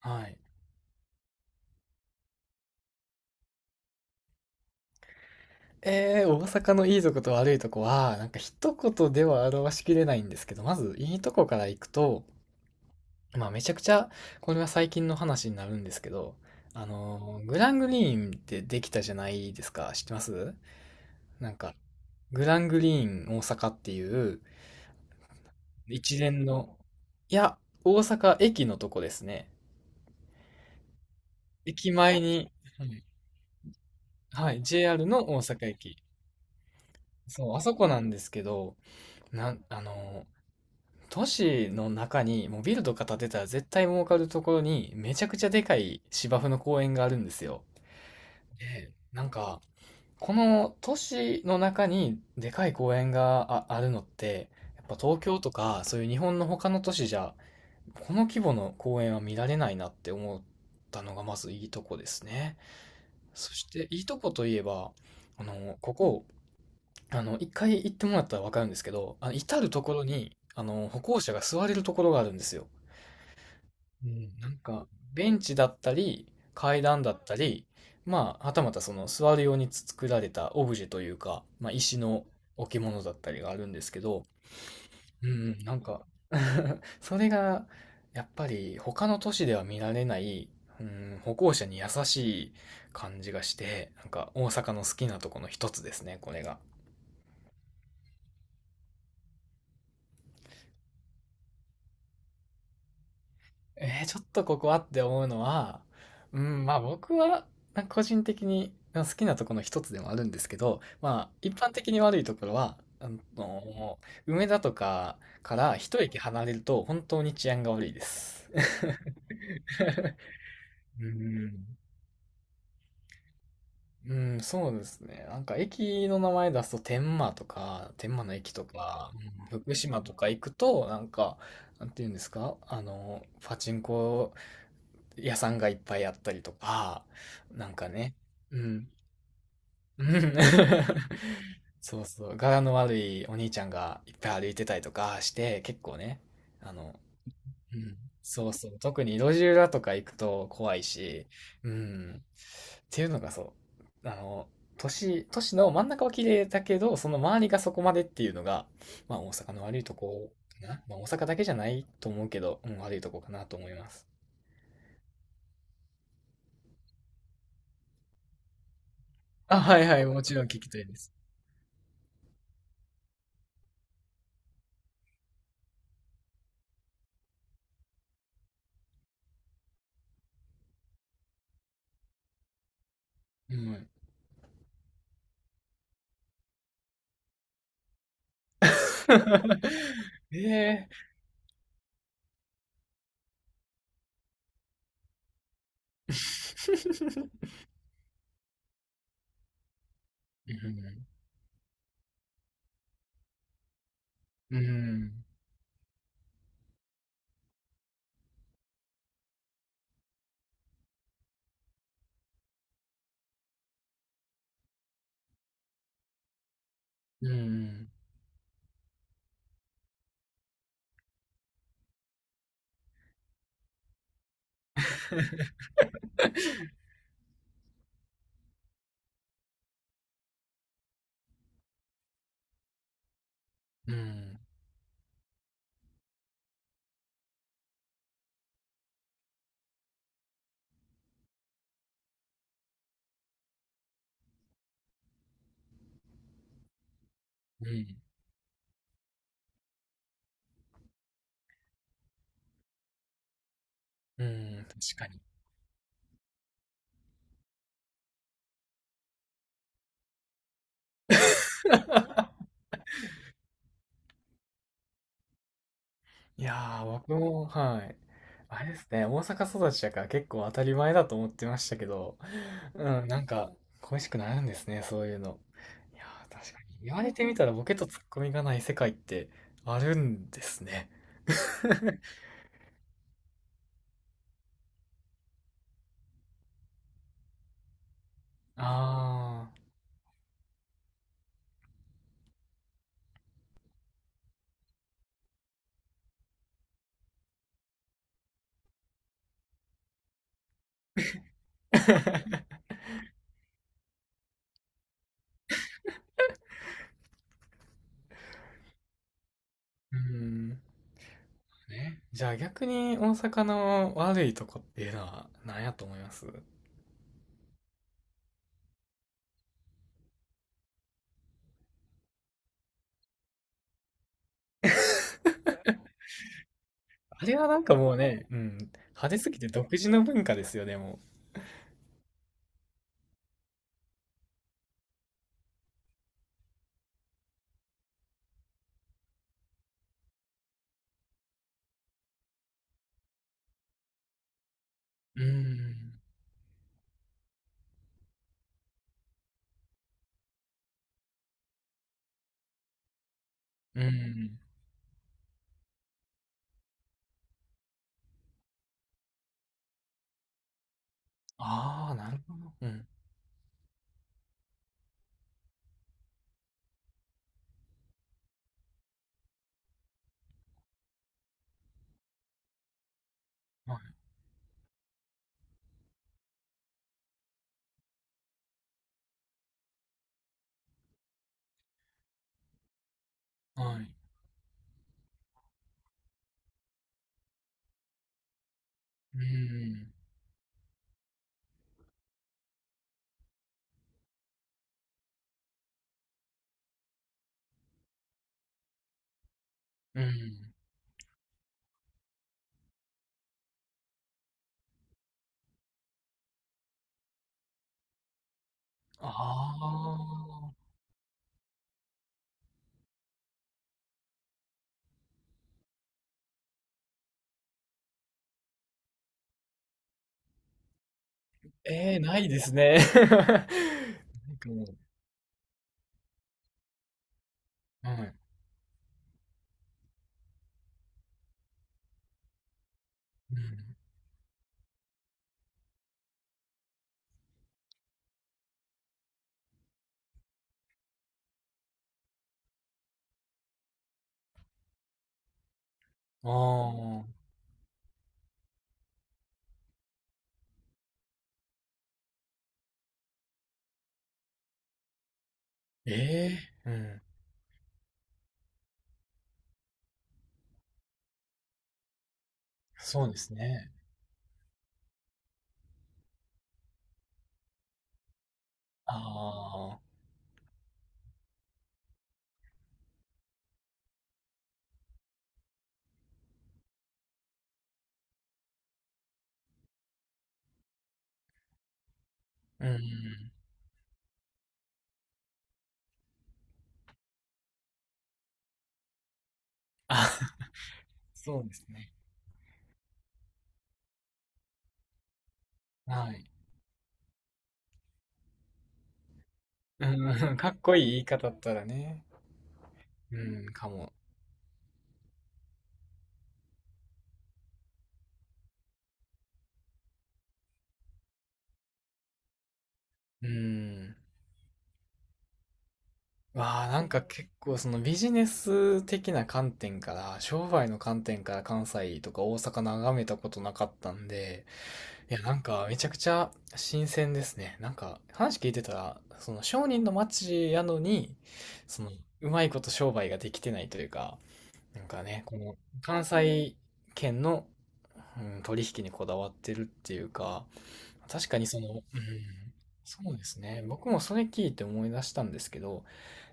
はい。大阪のいいとこと悪いとこは、なんか一言では表しきれないんですけど、まずいいとこから行くと、まあめちゃくちゃ、これは最近の話になるんですけど、グラングリーンってできたじゃないですか。知ってますなんか、グラングリーン大阪っていう一連の、いや、大阪駅のとこですね。駅前に、はい、はい、JR の大阪駅。そう、あそこなんですけど、なん、あのー、都市の中にもうビルとか建てたら絶対儲かるところにめちゃくちゃでかい芝生の公園があるんですよ。で、なんか、この都市の中にでかい公園があるのって、やっぱ東京とかそういう日本の他の都市じゃ、この規模の公園は見られないなって思ったのがまずいいとこですね。そして、いいとこといえば、ここ、一回行ってもらったらわかるんですけど、至るところに、歩行者が座れるところがあるんですよ。うん、なんか、ベンチだったり、階段だったり、まあ、はたまたその座るように作られたオブジェというか、まあ、石の置物だったりがあるんですけど、うんうん、なんか それが、やっぱり他の都市では見られない、うん、歩行者に優しい感じがして、なんか大阪の好きなとこの一つですね、これが。ちょっとここはって思うのは、うん、まあ僕は、なんか個人的に好きなところの一つでもあるんですけど、まあ一般的に悪いところは、の、梅田とかから一駅離れると本当に治安が悪いです。うん、うんそうですね。なんか駅の名前出すと天満とか、天満の駅とか、うん福島とか行くと、なんか、なんていうんですか、パチンコ屋さんがいっぱいあったりとか、なんかね、うん、うん。そうそう、柄の悪いお兄ちゃんがいっぱい歩いてたりとかして、結構ね、あの、うん、そうそう、特に路地裏とか行くと怖いし、うん、っていうのがう、あの、都市の真ん中は綺麗だけど、その周りがそこまでっていうのが、まあ大阪の悪いとこかな。まあ大阪だけじゃないと思うけど、うん、悪いとこかなと思います。あ、はいはい、もちろん聞きたいです。うん。ええー。うん。うん。うん。うん。うん。確かに。いやー、僕も、はい。あれですね、大阪育ちだから結構当たり前だと思ってましたけど、うん、なんか恋しくなるんですね、そういうの。いやー、確かに。言われてみたらボケとツッコミがない世界ってあるんですね。ああ。うん。ね。じゃあ逆に大阪の悪いとこっていうのは何やと思います あれはなんかもうね、うん、派手すぎて独自の文化ですよね、でもう。うーん。うん。ああ、なるほど。うん。はい。はい。うん。うん。ああ。ええー、ないですね。なんかもう、はい。うん。ああ。ええー、うん。そうですね。ああ。うん。あ、そうですね。はい。うん かっこいい言い方だったらね。うん、かも。うん。わあ、なんか結構そのビジネス的な観点から、商売の観点から関西とか大阪眺めたことなかったんで、いや、なんかめちゃくちゃ新鮮ですね。なんか話聞いてたら、その商人の街やのに、そのうまいこと商売ができてないというか、なんかね、この関西圏の、うん、取引にこだわってるっていうか、確かにその、うん、そうですね。僕もそれ聞いて思い出したんですけど、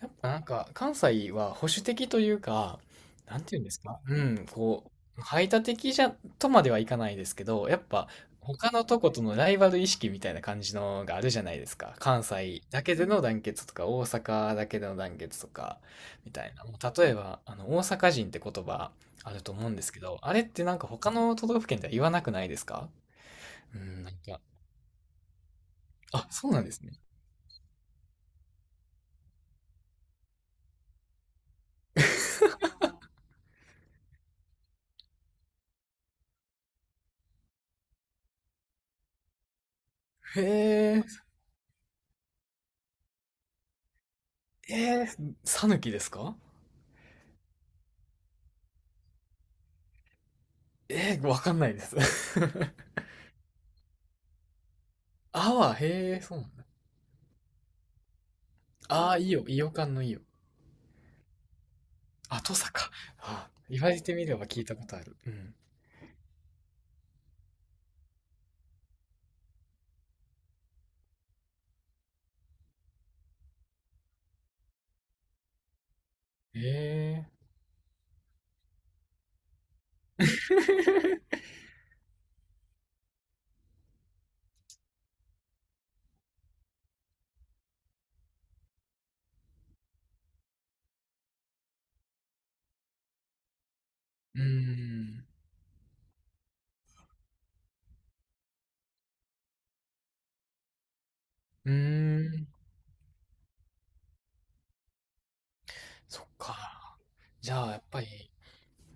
やっぱなんか関西は保守的というか、なんていうんですか、うん、こう、排他的じゃ、とまではいかないですけど、やっぱ他のとことのライバル意識みたいな感じのがあるじゃないですか。関西だけでの団結とか、大阪だけでの団結とか、みたいな。もう例えば、大阪人って言葉あると思うんですけど、あれってなんか他の都道府県では言わなくないですか。うん、なんかあ、そうなんですね。へえ、えー、さぬきですか。えー、わかんないです。あは、へえ、そうなんだ。ああ、いいよ、いよかんのいいよ。あ、とさか。あ、言われてみれば聞いたことある。うん。へえ。うーん。うーん。そっか。じゃあ、やっぱり、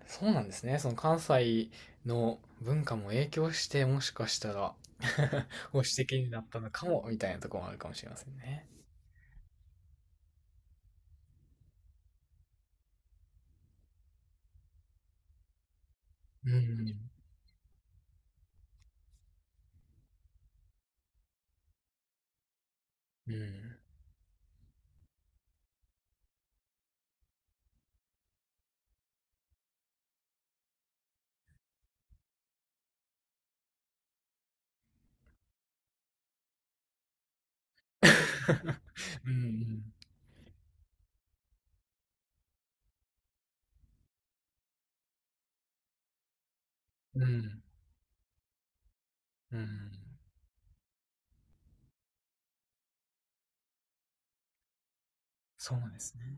そうなんですね。その関西の文化も影響して、もしかしたら 保守的 になったのかも、みたいなところもあるかもしれませんね。うん。うん。うんうん。うんうん。そうなんですね。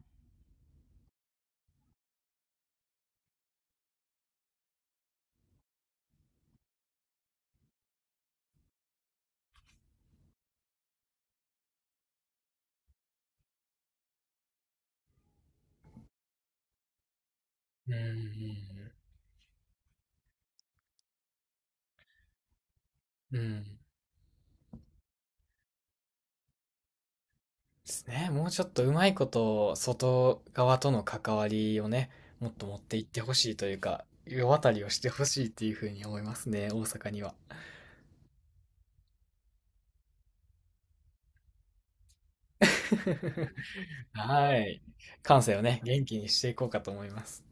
うんうんうん。ですね。もうちょっとうまいこと、外側との関わりをね、もっと持っていってほしいというか、世渡りをしてほしいっていうふうに思いますね、大阪には。はい。関西をね、元気にしていこうかと思います。